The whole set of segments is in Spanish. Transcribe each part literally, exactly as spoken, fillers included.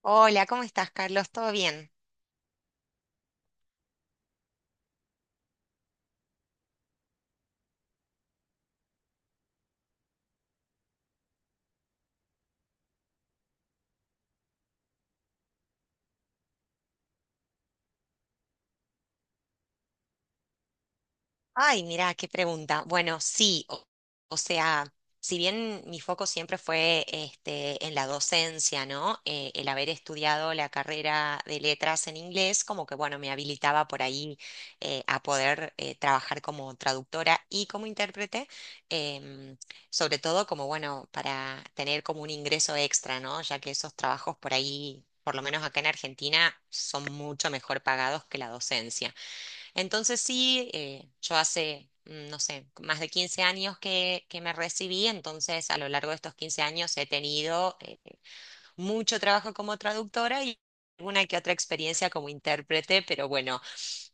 Hola, ¿cómo estás, Carlos? ¿Todo bien? Ay, mirá, qué pregunta. Bueno, sí, o, o sea, si bien mi foco siempre fue este, en la docencia, ¿no? Eh, el haber estudiado la carrera de letras en inglés, como que, bueno, me habilitaba por ahí eh, a poder eh, trabajar como traductora y como intérprete, em, sobre todo como, bueno, para tener como un ingreso extra, ¿no? Ya que esos trabajos por ahí, por lo menos acá en Argentina, son mucho mejor pagados que la docencia. Entonces sí, eh, yo hace, mm, no sé, más de quince años que, que me recibí, entonces a lo largo de estos quince años he tenido eh, mucho trabajo como traductora y alguna que otra experiencia como intérprete, pero bueno,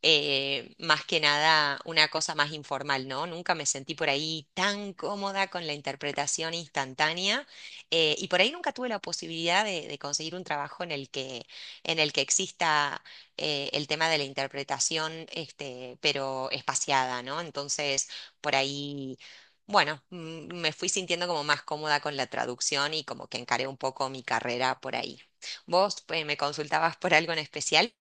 eh, más que nada una cosa más informal, ¿no? Nunca me sentí por ahí tan cómoda con la interpretación instantánea eh, y por ahí nunca tuve la posibilidad de, de conseguir un trabajo en el que, en el que exista eh, el tema de la interpretación, este, pero espaciada, ¿no? Entonces, por ahí. Bueno, mm, me fui sintiendo como más cómoda con la traducción y como que encaré un poco mi carrera por ahí. ¿Vos, eh, me consultabas por algo en especial?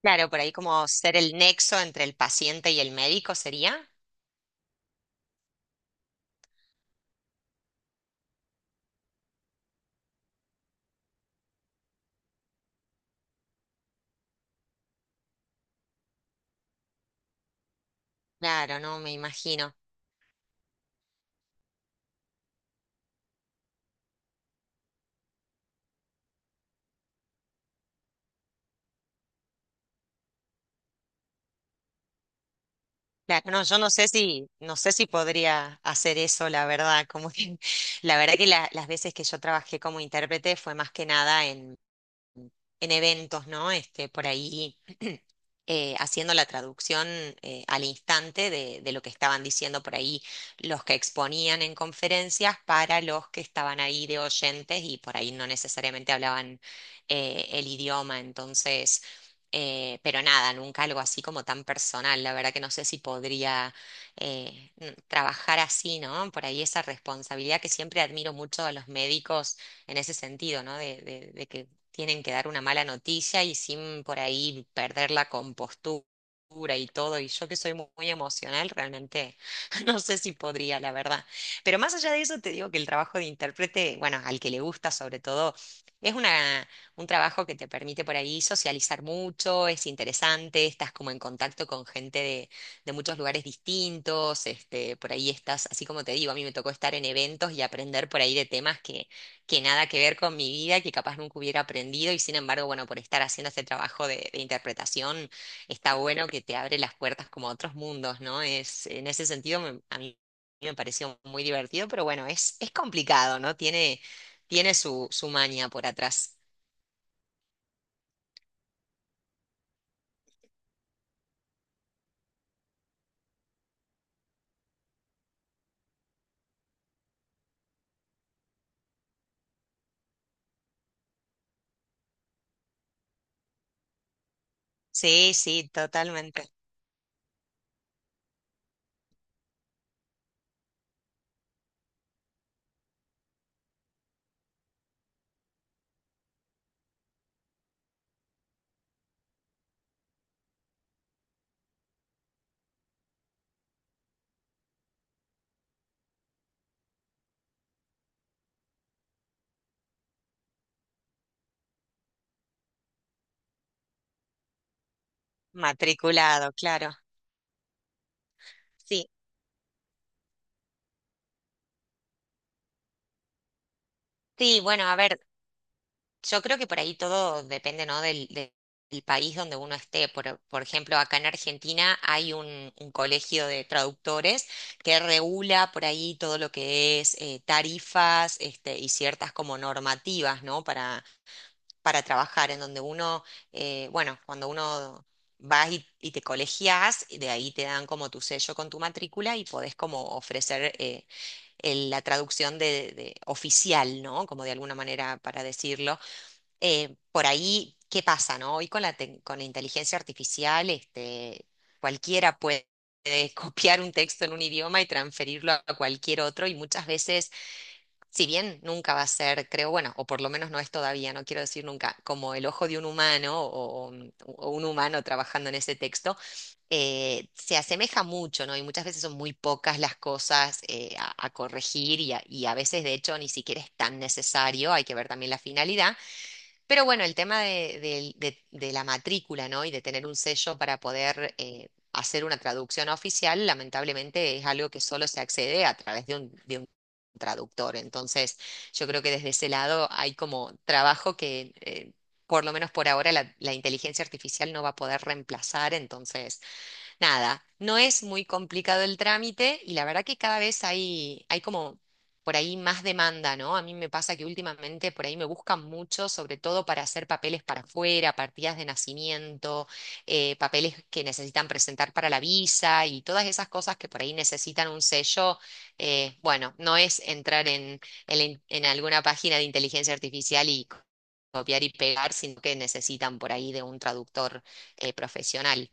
Claro, por ahí como ser el nexo entre el paciente y el médico sería. Claro, no, me imagino. Claro, no, yo no sé si, no sé si podría hacer eso, la verdad, como que, la verdad que la- las veces que yo trabajé como intérprete fue más que nada en eventos, ¿no? Este, por ahí eh, haciendo la traducción eh, al instante de, de lo que estaban diciendo por ahí los que exponían en conferencias para los que estaban ahí de oyentes y por ahí no necesariamente hablaban eh, el idioma. Entonces, eh, pero nada, nunca algo así como tan personal. La verdad que no sé si podría eh, n- trabajar así, ¿no? Por ahí esa responsabilidad, que siempre admiro mucho a los médicos en ese sentido, ¿no? de de de que tienen que dar una mala noticia y sin por ahí perder la compostura y todo. Y yo que soy mu- muy, emocional, realmente, no sé si podría, la verdad. Pero más allá de eso, te digo que el trabajo de intérprete, bueno, al que le gusta sobre todo, es una, un trabajo que te permite por ahí socializar mucho, es interesante, estás como en contacto con gente de de muchos lugares distintos, este, por ahí estás, así como te digo, a mí me tocó estar en eventos y aprender por ahí de temas que que nada que ver con mi vida, que capaz nunca hubiera aprendido y sin embargo, bueno, por estar haciendo este trabajo de, de interpretación, está bueno que te abre las puertas como a otros mundos, ¿no? Es, en ese sentido, me- a mí me pareció muy divertido, pero bueno, es, es complicado, ¿no? Tiene, tiene su, su maña por atrás. Sí, sí, totalmente. Matriculado, claro. Sí, sí, bueno, a ver, yo creo que por ahí todo depende, ¿no? del, de- del país donde uno esté. Por, por ejemplo, acá en Argentina hay un, un colegio de traductores que regula por ahí todo lo que es eh, tarifas, este, y ciertas como normativas, ¿no? Para, para trabajar, en donde uno, eh, bueno, cuando uno vas y, y te colegias, de ahí te dan como tu sello con tu matrícula y podés como ofrecer, eh, el- la traducción de, de oficial, ¿no? Como de alguna manera para decirlo, eh, por ahí, ¿qué pasa, no? Hoy con la, tec- con la inteligencia artificial, este, cualquiera puede copiar un texto en un idioma y transferirlo a cualquier otro, y muchas veces, si bien nunca va a ser, creo, bueno, o por lo menos no es todavía, no quiero decir nunca, como el ojo de un humano o, o un o un humano trabajando en ese texto, eh, se asemeja mucho, ¿no? Y muchas veces son muy pocas las cosas eh, a, a corregir, y a, y a veces, de hecho, ni siquiera es tan necesario, hay que ver también la finalidad. Pero bueno, el tema de, del- de- de la matrícula, ¿no? Y de tener un sello para poder eh, hacer una traducción oficial, lamentablemente, es algo que solo se accede a través de un, de un traductor. Entonces, yo creo que desde ese lado hay como trabajo que, eh, por lo menos por ahora, la, la inteligencia artificial no va a poder reemplazar. Entonces, nada, no es muy complicado el trámite y la verdad que cada vez hay, hay como por ahí más demanda, ¿no? A mí me pasa que últimamente por ahí me buscan mucho, sobre todo para hacer papeles para afuera, partidas de nacimiento, eh, papeles que necesitan presentar para la visa y todas esas cosas que por ahí necesitan un sello. Eh, bueno, no es entrar en, en en alguna página de inteligencia artificial y copiar y pegar, sino que necesitan por ahí de un traductor eh, profesional.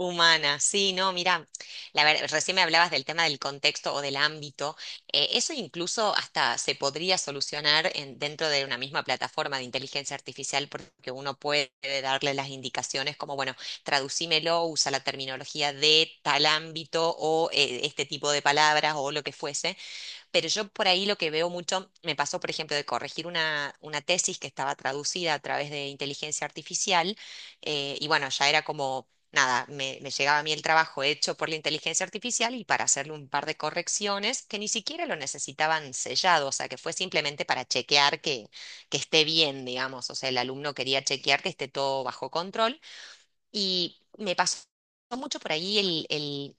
Humana, sí, no, mira, la ver- recién me hablabas del tema del contexto o del ámbito. Eh, eso incluso hasta se podría solucionar en- dentro de una misma plataforma de inteligencia artificial, porque uno puede darle las indicaciones como, bueno, traducímelo, usa la terminología de tal ámbito o eh, este tipo de palabras o lo que fuese. Pero yo por ahí lo que veo mucho, me pasó, por ejemplo, de corregir una, una tesis que estaba traducida a través de inteligencia artificial, eh, y bueno, ya era como, nada, me, me llegaba a mí el trabajo hecho por la inteligencia artificial y para hacerle un par de correcciones que ni siquiera lo necesitaban sellado, o sea, que fue simplemente para chequear que, que esté bien, digamos, o sea, el alumno quería chequear que esté todo bajo control, y me pasó mucho por ahí el,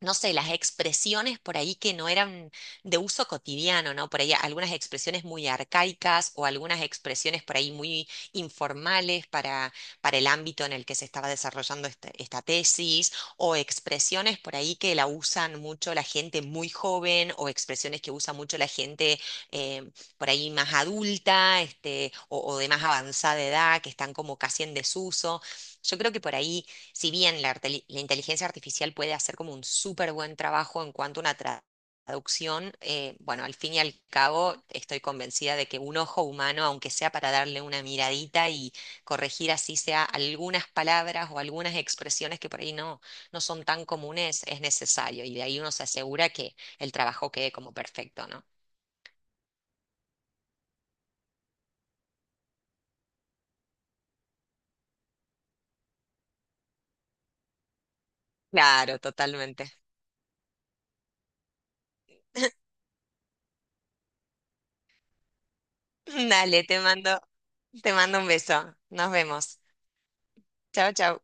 no sé, las expresiones por ahí que no eran de uso cotidiano, ¿no? Por ahí algunas expresiones muy arcaicas, o algunas expresiones por ahí muy informales para, para el ámbito en el que se estaba desarrollando este- esta tesis, o expresiones por ahí que la usan mucho la gente muy joven, o expresiones que usa mucho la gente eh, por ahí más adulta, este, o, o de más avanzada edad, que están como casi en desuso. Yo creo que por ahí, si bien la, arteli- la inteligencia artificial puede hacer como un súper buen trabajo en cuanto a una tra- traducción, eh, bueno, al fin y al cabo estoy convencida de que un ojo humano, aunque sea para darle una miradita y corregir así sea algunas palabras o algunas expresiones que por ahí no, no son tan comunes, es necesario. Y de ahí uno se asegura que el trabajo quede como perfecto, ¿no? Claro, totalmente. Dale, te mando, te mando un beso. Nos vemos. Chao, chao.